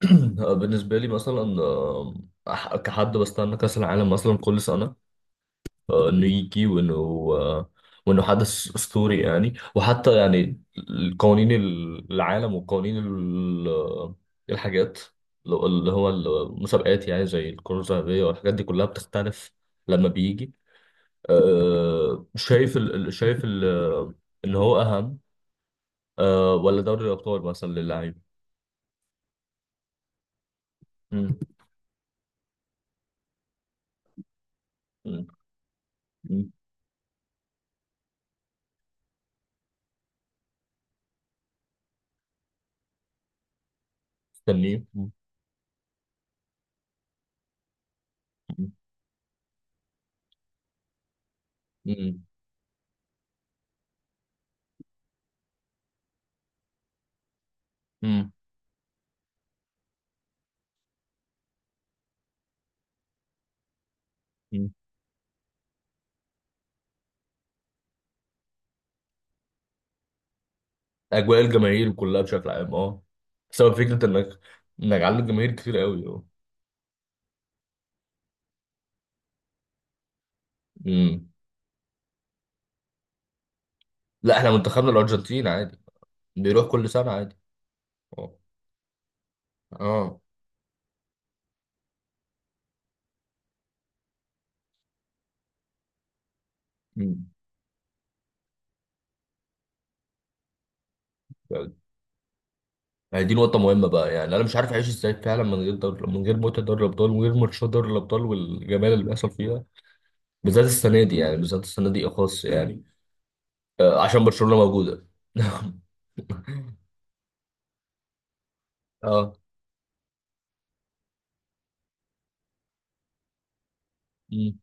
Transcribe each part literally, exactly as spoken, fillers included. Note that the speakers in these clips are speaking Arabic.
بالنسبة لي مثلا، آه، أح- كحد بستنى كأس العالم مثلا كل سنة. آه، إنه يجي وإنه آه، وإنه حدث أسطوري يعني. وحتى يعني القوانين، العالم وقوانين ال- الحاجات، لو- اللي هو المسابقات، يعني زي الكرة الذهبية والحاجات دي كلها بتختلف لما بيجي. آه، شايف ال... ال- شايف ال... إن هو أهم، آه، ولا دوري الأبطال مثلا للعيب. مم. مم. مم. مستنيه. مم. مم. مم. مم. اجواء الجماهير كلها بشكل عام، اه، بسبب فكره انك انك عندك جماهير كتير قوي، اه. مم. لا، احنا منتخبنا الارجنتين عادي، بيروح كل سنه عادي. اه. اه. مم. يعني دي نقطه مهمه بقى، يعني انا مش عارف اعيش ازاي فعلا من غير دوري، من غير متعه دوري الابطال، ومن غير ماتشات دوري الابطال والجمال اللي بيحصل فيها. بالذات السنه دي يعني، بالذات السنه دي اخص يعني. آه عشان برشلونه موجوده. اه. مم.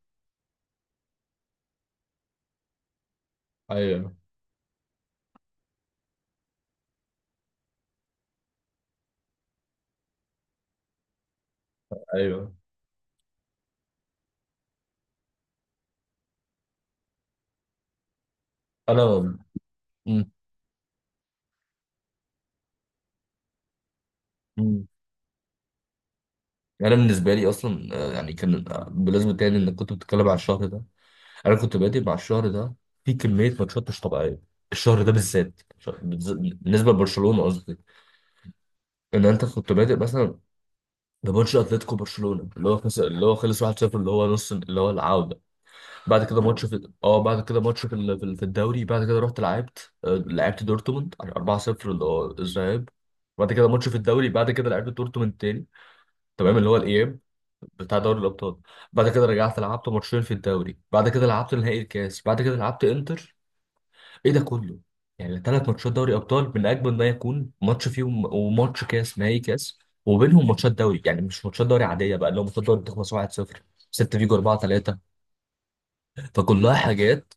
ايوه، ايوه، انا. مم. مم. يعني انا بالنسبه لي اصلا، آه، يعني كان آه، بالنسبه تاني انك كنت بتتكلم على الشهر ده. انا كنت بادئ مع الشهر ده في كميه ماتشات مش طبيعيه. الشهر ده بالذات، ش- بالز- بالنسبه لبرشلونه قصدي، ان انت كنت بادئ مثلا بماتش اتلتيكو برشلونه، اللي هو خلص اللي هو خلص واحد صفر، اللي هو نص، اللي هو العوده. بعد كده ماتش في اه بعد كده ماتش في ال- في ال- في الدوري. بعد كده رحت لعبت، آه، لعبت دورتموند أربعة صفر، اللي هو الذهاب. بعد كده ماتش في الدوري، بعد كده لعبت دورتموند تاني، تمام، اللي هو الاياب بتاع دوري الابطال. بعد كده رجعت لعبت ماتشين في الدوري، بعد كده لعبت نهائي الكاس، بعد كده لعبت انتر. ايه ده كله؟ يعني ثلاث ماتشات دوري ابطال من اجمل ما يكون ماتش فيهم، وماتش كاس، نهائي كاس. وبينهم ماتشات دوري، يعني مش ماتشات دوري عاديه بقى، اللي هو ماتشات دوري بتخلص واحد صفر، ستة فيجو أربعة ثلاثة. فكلها حاجات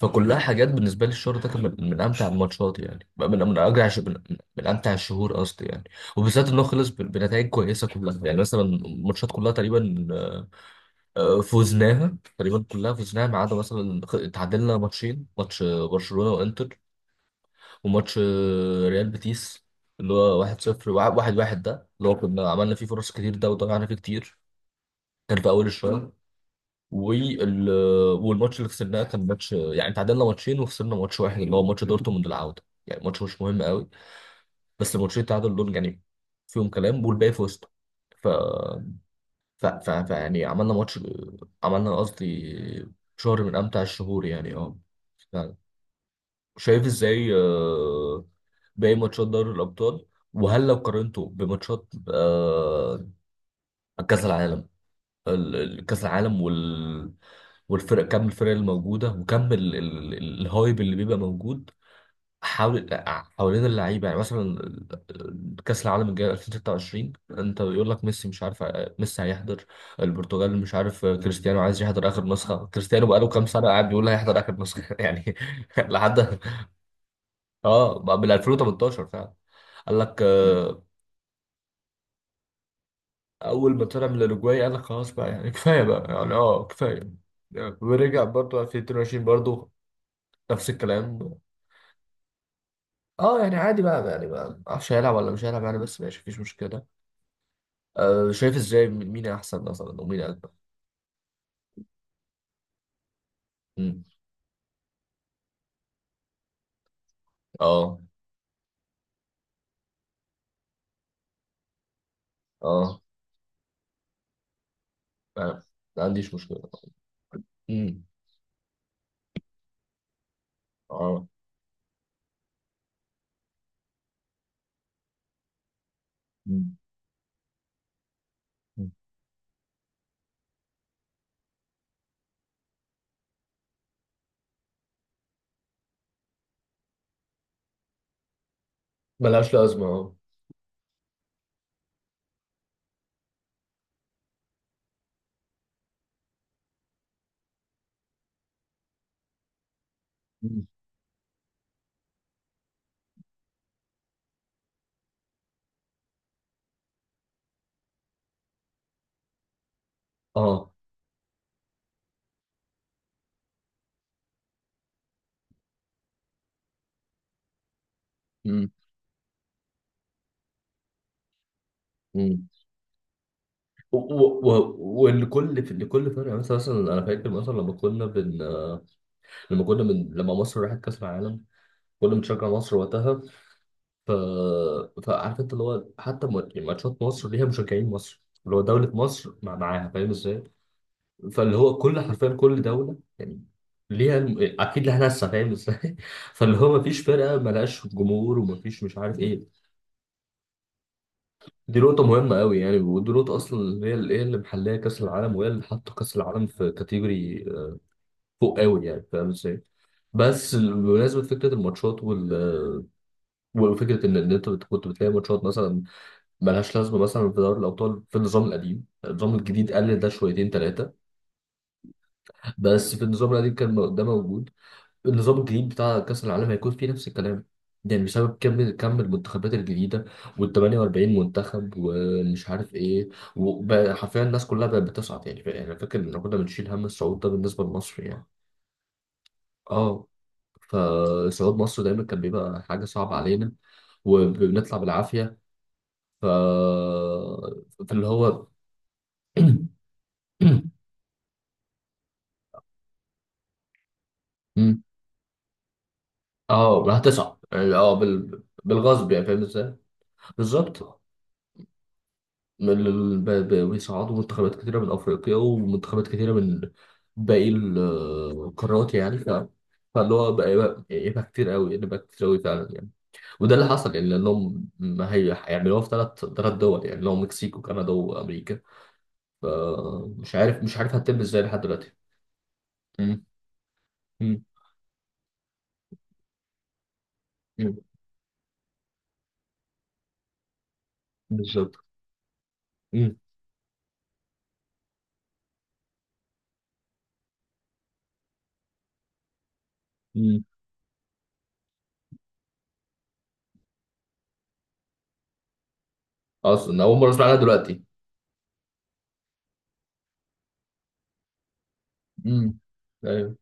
فكلها حاجات بالنسبه لي، الشهر ده كان من, من امتع الماتشات، يعني بقى من من اجرع، من, من من امتع الشهور قصدي، يعني. وبالذات انه خلص بنتائج كويسه كلها، يعني مثلا الماتشات كلها تقريبا، آه، فوزناها تقريبا، كلها فوزناها ما عدا مثلا، خ- اتعادلنا ماتشين، ماتش آه، برشلونة وانتر، وماتش آه، ريال بيتيس اللي هو واحد صفر، وع- واحد واحد، ده اللي هو كنا عملنا فيه فرص كتير، ده وضيعنا فيه كتير. كان في اول الشوط. وال والماتش اللي خسرناه كان ماتش، يعني تعادلنا ماتشين وخسرنا ماتش واحد، اللي هو ماتش دورتموند العودة، يعني ماتش مش مهم قوي. بس الماتشين التعادل دول يعني فيهم كلام، والباقي فزت. ف ف... ف... ف يعني عملنا ماتش، عملنا قصدي، شهر من امتع الشهور، يعني اه. فعلا. شايف ازاي، آه، باقي ماتشات دوري الابطال. وهل لو قارنته بماتشات آه، كاس العالم، ال- ال- كاس العالم وال والفرق؟ كم الفرق الموجوده، وكم ال... ال... الهايب اللي بيبقى موجود حاول حوالين اللعيبه. يعني مثلا، ال- ال- كاس العالم الجاي ألفين وستة وعشرين انت بيقول لك ميسي مش عارف، ميسي هيحضر. البرتغال مش عارف كريستيانو عايز يحضر اخر نسخه، كريستيانو بقاله كام سنه قاعد بيقول هيحضر اخر نسخه، يعني. لحد، اه، من ألفين وثمنتاشر فعلا. قال لك، آه، اول ما طلع من الاوروجواي قال لك خلاص بقى يعني، كفايه بقى، يعني اه كفايه. ورجع برضه ألفين واثنين وعشرين برضه، نفس الكلام. اه يعني عادي بقى، يعني بقى معرفش هيلعب ولا مش هيلعب يعني، بس ماشي مفيش مشكله. أه شايف ازاي، م- مين احسن مثلا ومين اجمل؟ امم. اه. اه. فاهم. ما عنديش مشكله. امم. اه. مم. مم. ملهاش لازمه، اه. مم. اه. مم. مم. و- و- و- والكل في لكل فرقه. مثلا، مثلا انا فاكر مثلا، لما كنا بن لما كنا من لما مصر راحت كاس العالم، كنا بنشجع مصر وقتها. ف فعارف انت اللي هو حتى، م- يعني ماتشات مصر ليها مشجعين مصر، اللي هو دوله مصر مع معاها، فاهم ازاي؟ فاللي هو كل، حرفيا كل دولة يعني ليها الم... أكيد لها ناسها، فاهم ازاي؟ فاللي هو مفيش فرقة ملهاش جمهور، ومفيش مش عارف إيه. دي نقطة مهمة قوي يعني، ودي نقطة أصلا هي اللي هي اللي محلية كأس العالم، وهي اللي حاطة كأس العالم في كاتيجوري، آه، فوق قوي، يعني فاهم ازاي؟ بس بمناسبة فكرة الماتشات وال آه، وفكرة إن إن أنت، بت- كنت بتلاقي ماتشات مثلا ملهاش لازمة، مثلا في دوري الأبطال في النظام القديم، النظام الجديد قلل ده شويتين تلاتة، بس في النظام القديم كان ده موجود. النظام الجديد بتاع كأس العالم هيكون فيه نفس الكلام، يعني بسبب كم كم المنتخبات الجديدة، وال ثمنية وأربعين منتخب ومش عارف ايه، وبقى حرفيا الناس كلها بقت بتصعد يعني. فا- انا فاكر ان كنا بنشيل هم الصعود ده بالنسبة لمصر، يعني اه. فصعود مصر دايما كان بيبقى حاجة صعبة علينا، وبنطلع بالعافية. ف فاللي هو اه هتصعد يعني، اه، بال... بالغصب، يعني فاهم ازاي؟ بالظبط. من ال- ب- ب- بيصعدوا منتخبات كتيرة من أفريقيا، ومنتخبات كتيرة من باقي ال- القارات، يعني. ف... فاللي هو بقى يبقى, يبقى كتير قوي، يعني بقى كتير قوي فعلا، يعني. وده اللي حصل، يعني لأنهم ما هي هيعملوها في ثلاث ثلاث دول، يعني اللي هو مكسيك وكندا وأمريكا. فمش عارف مش عارف هتتم ازاي لحد دلوقتي. مم. مم. مم. بالظبط. مم. مم. أصلا أول مرة أسمع عنها دلوقتي. مم. أيوه.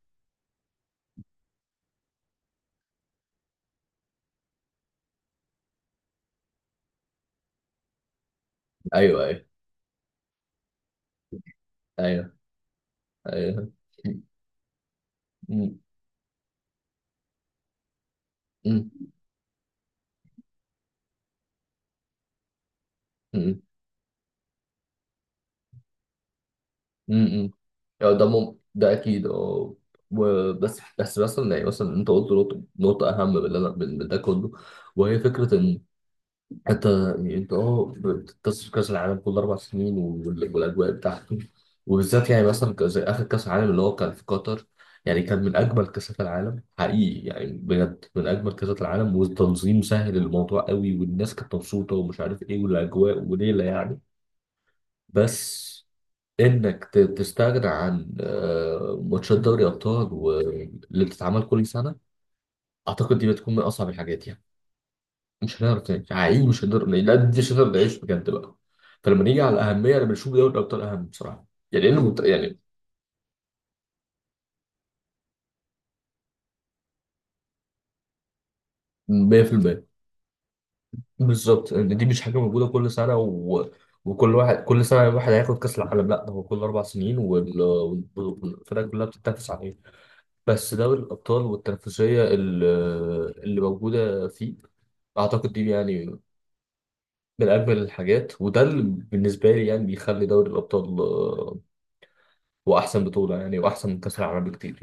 أيوه. أيوه. أيوه. أيوه. مم. مم. مم. امم. يعني ده، مم... ده اكيد، اه. و- بس بس مثلا، يعني مثلا انت قلت نقطة، نقطة أهم من اللي أنا، من من ده كله، وهي فكرة إن أنت، يعني أنت أه بتتصل كأس العالم كل أربع سنين، وال- والأجواء بتاعته، وبالذات يعني مثلا، ك- زي آخر كأس العالم اللي هو كان في قطر. يعني كان من أجمل كأسات العالم، حقيقي يعني، بجد من أجمل كأسات العالم، والتنظيم سهل الموضوع قوي، والناس كانت مبسوطة ومش عارف إيه، والأجواء وليلة يعني. بس انك، ت- تستغنى عن، آه، ماتشات دوري ابطال و- اللي بتتعمل كل سنه، اعتقد دي بتكون من اصعب الحاجات يعني. مش هنعرف نعيش حقيقي، مش هنقدر نعيش، لا دي مش هنقدر نعيش بجد بقى. فلما نيجي على الاهميه، انا بشوف دوري الابطال اهم بصراحه، يعني انه، مت- يعني مية في المية. بالظبط. ان دي مش حاجه موجوده كل سنه، و... وكل واحد، كل سنه واحد هياخد كاس العالم، لا ده هو كل أربع سنين، وال- والفرق كلها بتتنافس عليه. بس دوري الأبطال والتنافسية ال- اللي موجودة فيه، أعتقد دي يعني من أجمل الحاجات، وده اللي بالنسبة لي يعني بيخلي دوري الأبطال، آه، هو أحسن بطولة يعني، وأحسن من كأس العالم بكتير.